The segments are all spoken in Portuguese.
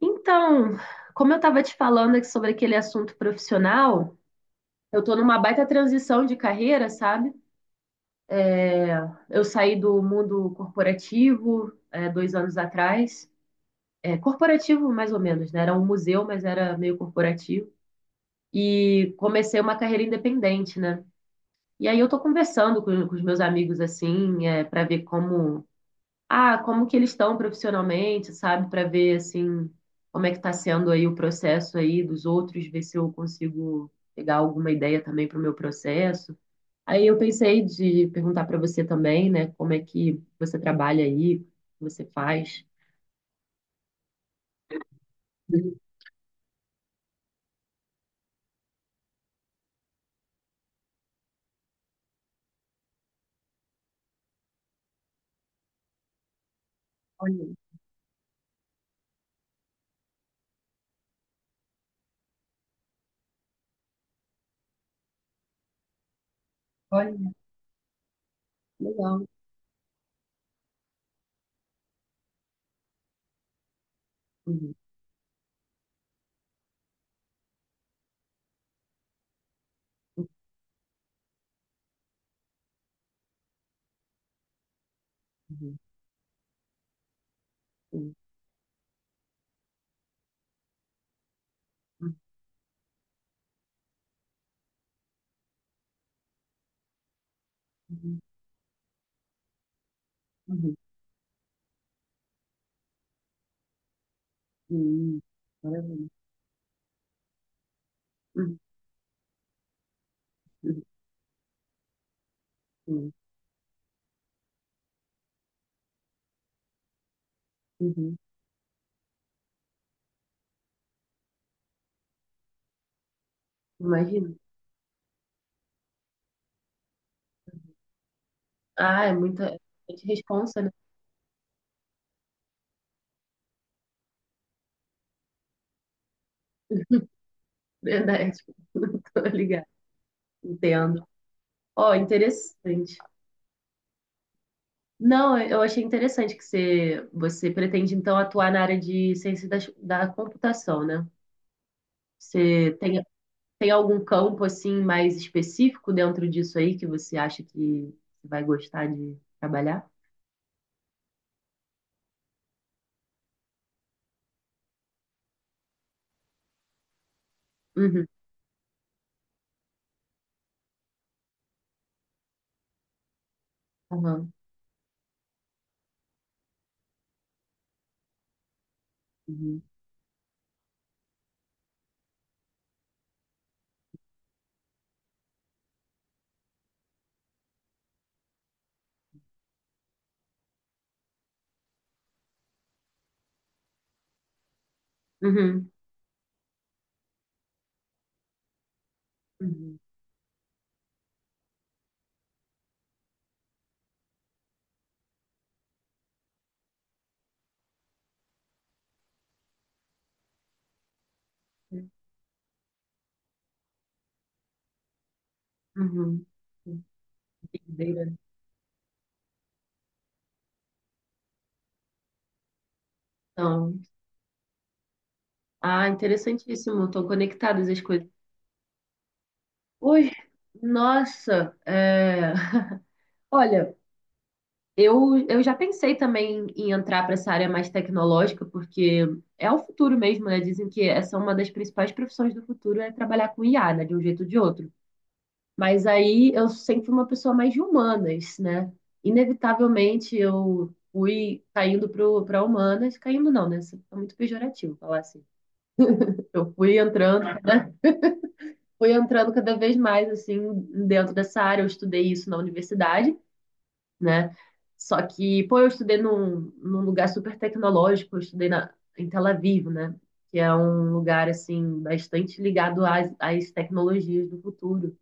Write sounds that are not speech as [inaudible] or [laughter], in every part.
Então, como eu estava te falando aqui sobre aquele assunto profissional, eu estou numa baita transição de carreira, sabe? Eu saí do mundo corporativo, é, dois anos atrás. É, corporativo, mais ou menos, né? Era um museu, mas era meio corporativo. E comecei uma carreira independente, né? E aí eu estou conversando com os meus amigos, assim, para ver como como que eles estão profissionalmente, sabe? Para ver, assim, como é que está sendo aí o processo aí dos outros, ver se eu consigo pegar alguma ideia também para o meu processo. Aí eu pensei de perguntar para você também, né? Como é que você trabalha aí, o que você faz. Uhum. Olha, olha, legal. Uhum, uhum, uhum, uhum, uhum, uhum. Maravilha. Uhum, uhum, uhum, uhum. Imagina. Ah, é muita responsa, né? Verdade. [laughs] Tô ligada. Entendo. Ó, interessante. Não, eu achei interessante que você pretende, então, atuar na área de ciência da computação, né? Você tem algum campo, assim, mais específico dentro disso aí que você acha que vai gostar de trabalhar? Uhum, aham, uhum, uhum, uhum, uhum. Big data. Então, interessantíssimo. Estão conectadas as coisas. Ui, nossa, [laughs] Olha, eu já pensei também em entrar para essa área mais tecnológica, porque é o futuro mesmo, né? Dizem que essa é uma das principais profissões do futuro, é trabalhar com IA, né? De um jeito ou de outro. Mas aí eu sempre fui uma pessoa mais de humanas, né? Inevitavelmente eu fui caindo para humanas, caindo não, né? Isso é muito pejorativo falar assim. Eu fui entrando, [laughs] fui entrando cada vez mais assim dentro dessa área, eu estudei isso na universidade. Né? Só que, pô, eu estudei num lugar super tecnológico, eu estudei na, em Tel Aviv, né? Que é um lugar, assim, bastante ligado às tecnologias do futuro.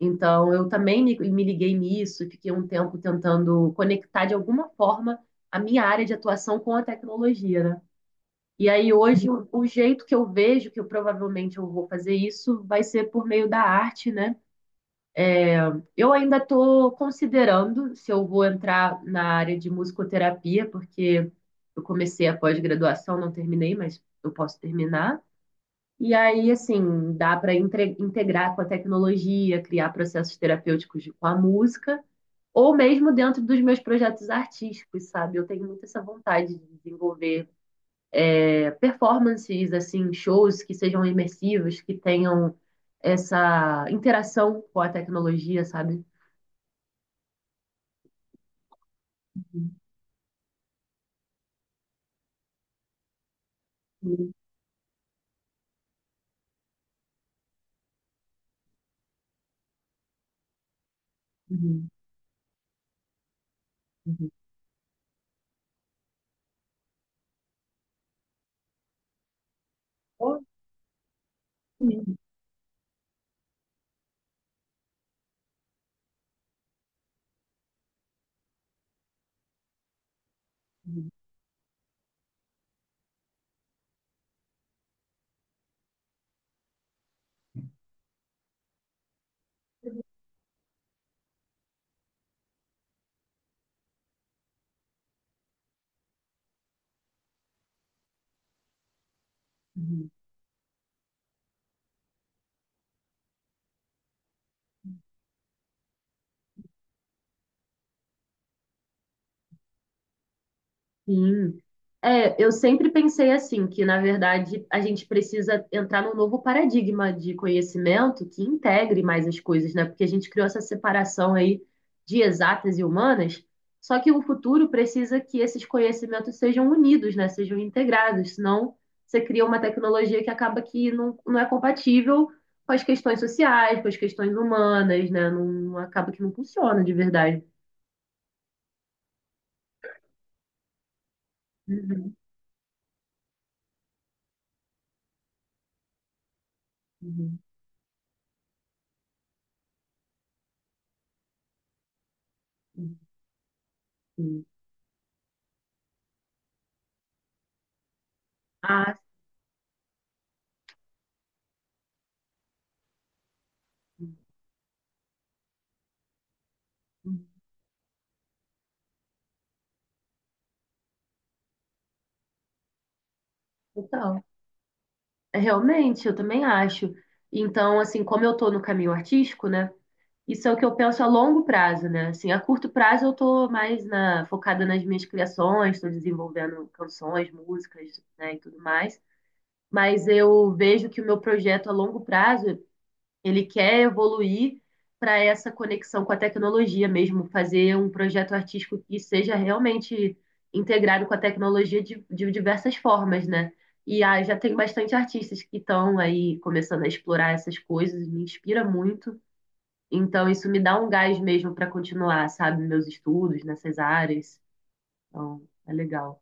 Então, eu também me liguei nisso, fiquei um tempo tentando conectar de alguma forma a minha área de atuação com a tecnologia, né? E aí, hoje, o jeito que eu vejo que eu provavelmente eu vou fazer isso vai ser por meio da arte, né? Eu ainda estou considerando se eu vou entrar na área de musicoterapia, porque eu comecei a pós-graduação, não terminei, mas eu posso terminar. E aí, assim, dá para integrar com a tecnologia, criar processos terapêuticos com a música, ou mesmo dentro dos meus projetos artísticos, sabe? Eu tenho muito essa vontade de desenvolver performances, assim, shows que sejam imersivos, que tenham essa interação com a tecnologia, sabe? Uhum. Uhum. Uhum. Ou mesmo. Uhum. Sim. É, eu sempre pensei assim, que na verdade a gente precisa entrar num novo paradigma de conhecimento que integre mais as coisas, né? Porque a gente criou essa separação aí de exatas e humanas, só que o futuro precisa que esses conhecimentos sejam unidos, né? Sejam integrados, senão você cria uma tecnologia que acaba que não, não é compatível com as questões sociais, com as questões humanas, né? Não, acaba que não funciona de verdade. Uhum, uhum, sim. Ah, sim. Uhum. Total. É, realmente, eu também acho. Então, assim, como eu tô no caminho artístico, né? Isso é o que eu penso a longo prazo, né? Assim, a curto prazo eu tô mais na, focada nas minhas criações, tô desenvolvendo canções, músicas, né, e tudo mais. Mas eu vejo que o meu projeto a longo prazo ele quer evoluir para essa conexão com a tecnologia mesmo, fazer um projeto artístico que seja realmente integrado com a tecnologia de diversas formas, né? E já tem bastante artistas que estão aí começando a explorar essas coisas, me inspira muito. Então, isso me dá um gás mesmo para continuar, sabe, meus estudos nessas áreas. Então, é legal.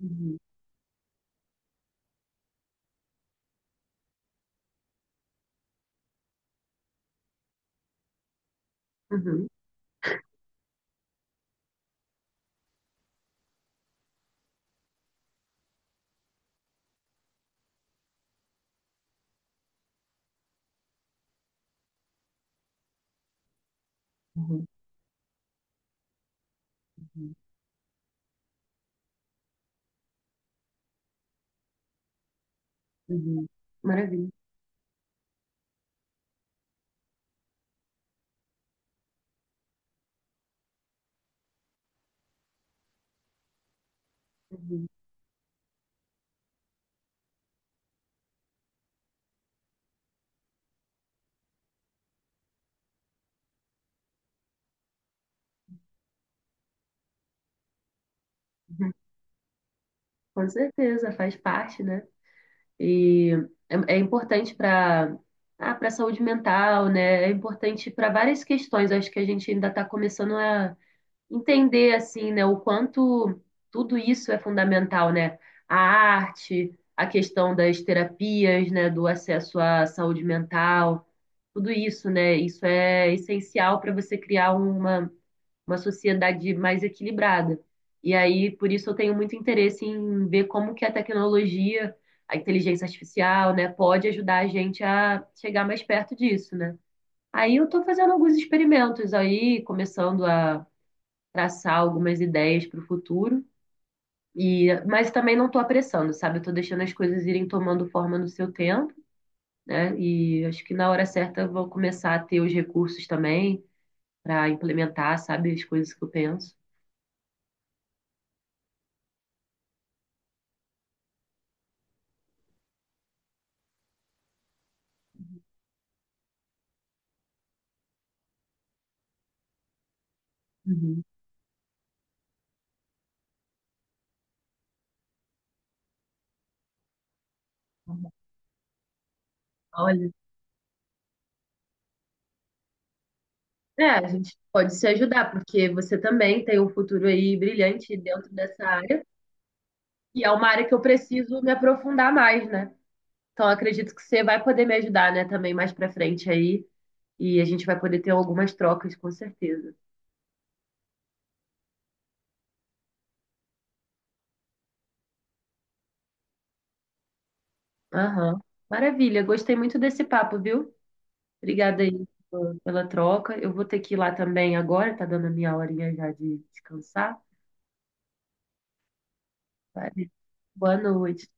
Uhum, uhum, uhum, uhum. Uhum. Maravilha. Uhum, uhum. Com certeza, faz parte, né? E é importante para para saúde mental, né? É importante para várias questões. Acho que a gente ainda está começando a entender assim, né, o quanto tudo isso é fundamental, né? A arte, a questão das terapias, né, do acesso à saúde mental, tudo isso, né? Isso é essencial para você criar uma sociedade mais equilibrada. E aí, por isso, eu tenho muito interesse em ver como que a tecnologia, a inteligência artificial, né, pode ajudar a gente a chegar mais perto disso, né? Aí eu estou fazendo alguns experimentos aí, começando a traçar algumas ideias para o futuro. E, mas também não estou apressando, sabe? Eu estou deixando as coisas irem tomando forma no seu tempo, né? E acho que na hora certa eu vou começar a ter os recursos também para implementar, sabe, as coisas que eu penso. Uhum. Olha, é, a gente pode se ajudar, porque você também tem um futuro aí brilhante dentro dessa área, e é uma área que eu preciso me aprofundar mais, né? Então, acredito que você vai poder me ajudar, né, também mais pra frente aí, e a gente vai poder ter algumas trocas, com certeza. Aham. Maravilha, gostei muito desse papo, viu? Obrigada aí pela pela troca. Eu vou ter que ir lá também agora, tá dando a minha horinha já de descansar. Vale. Boa noite.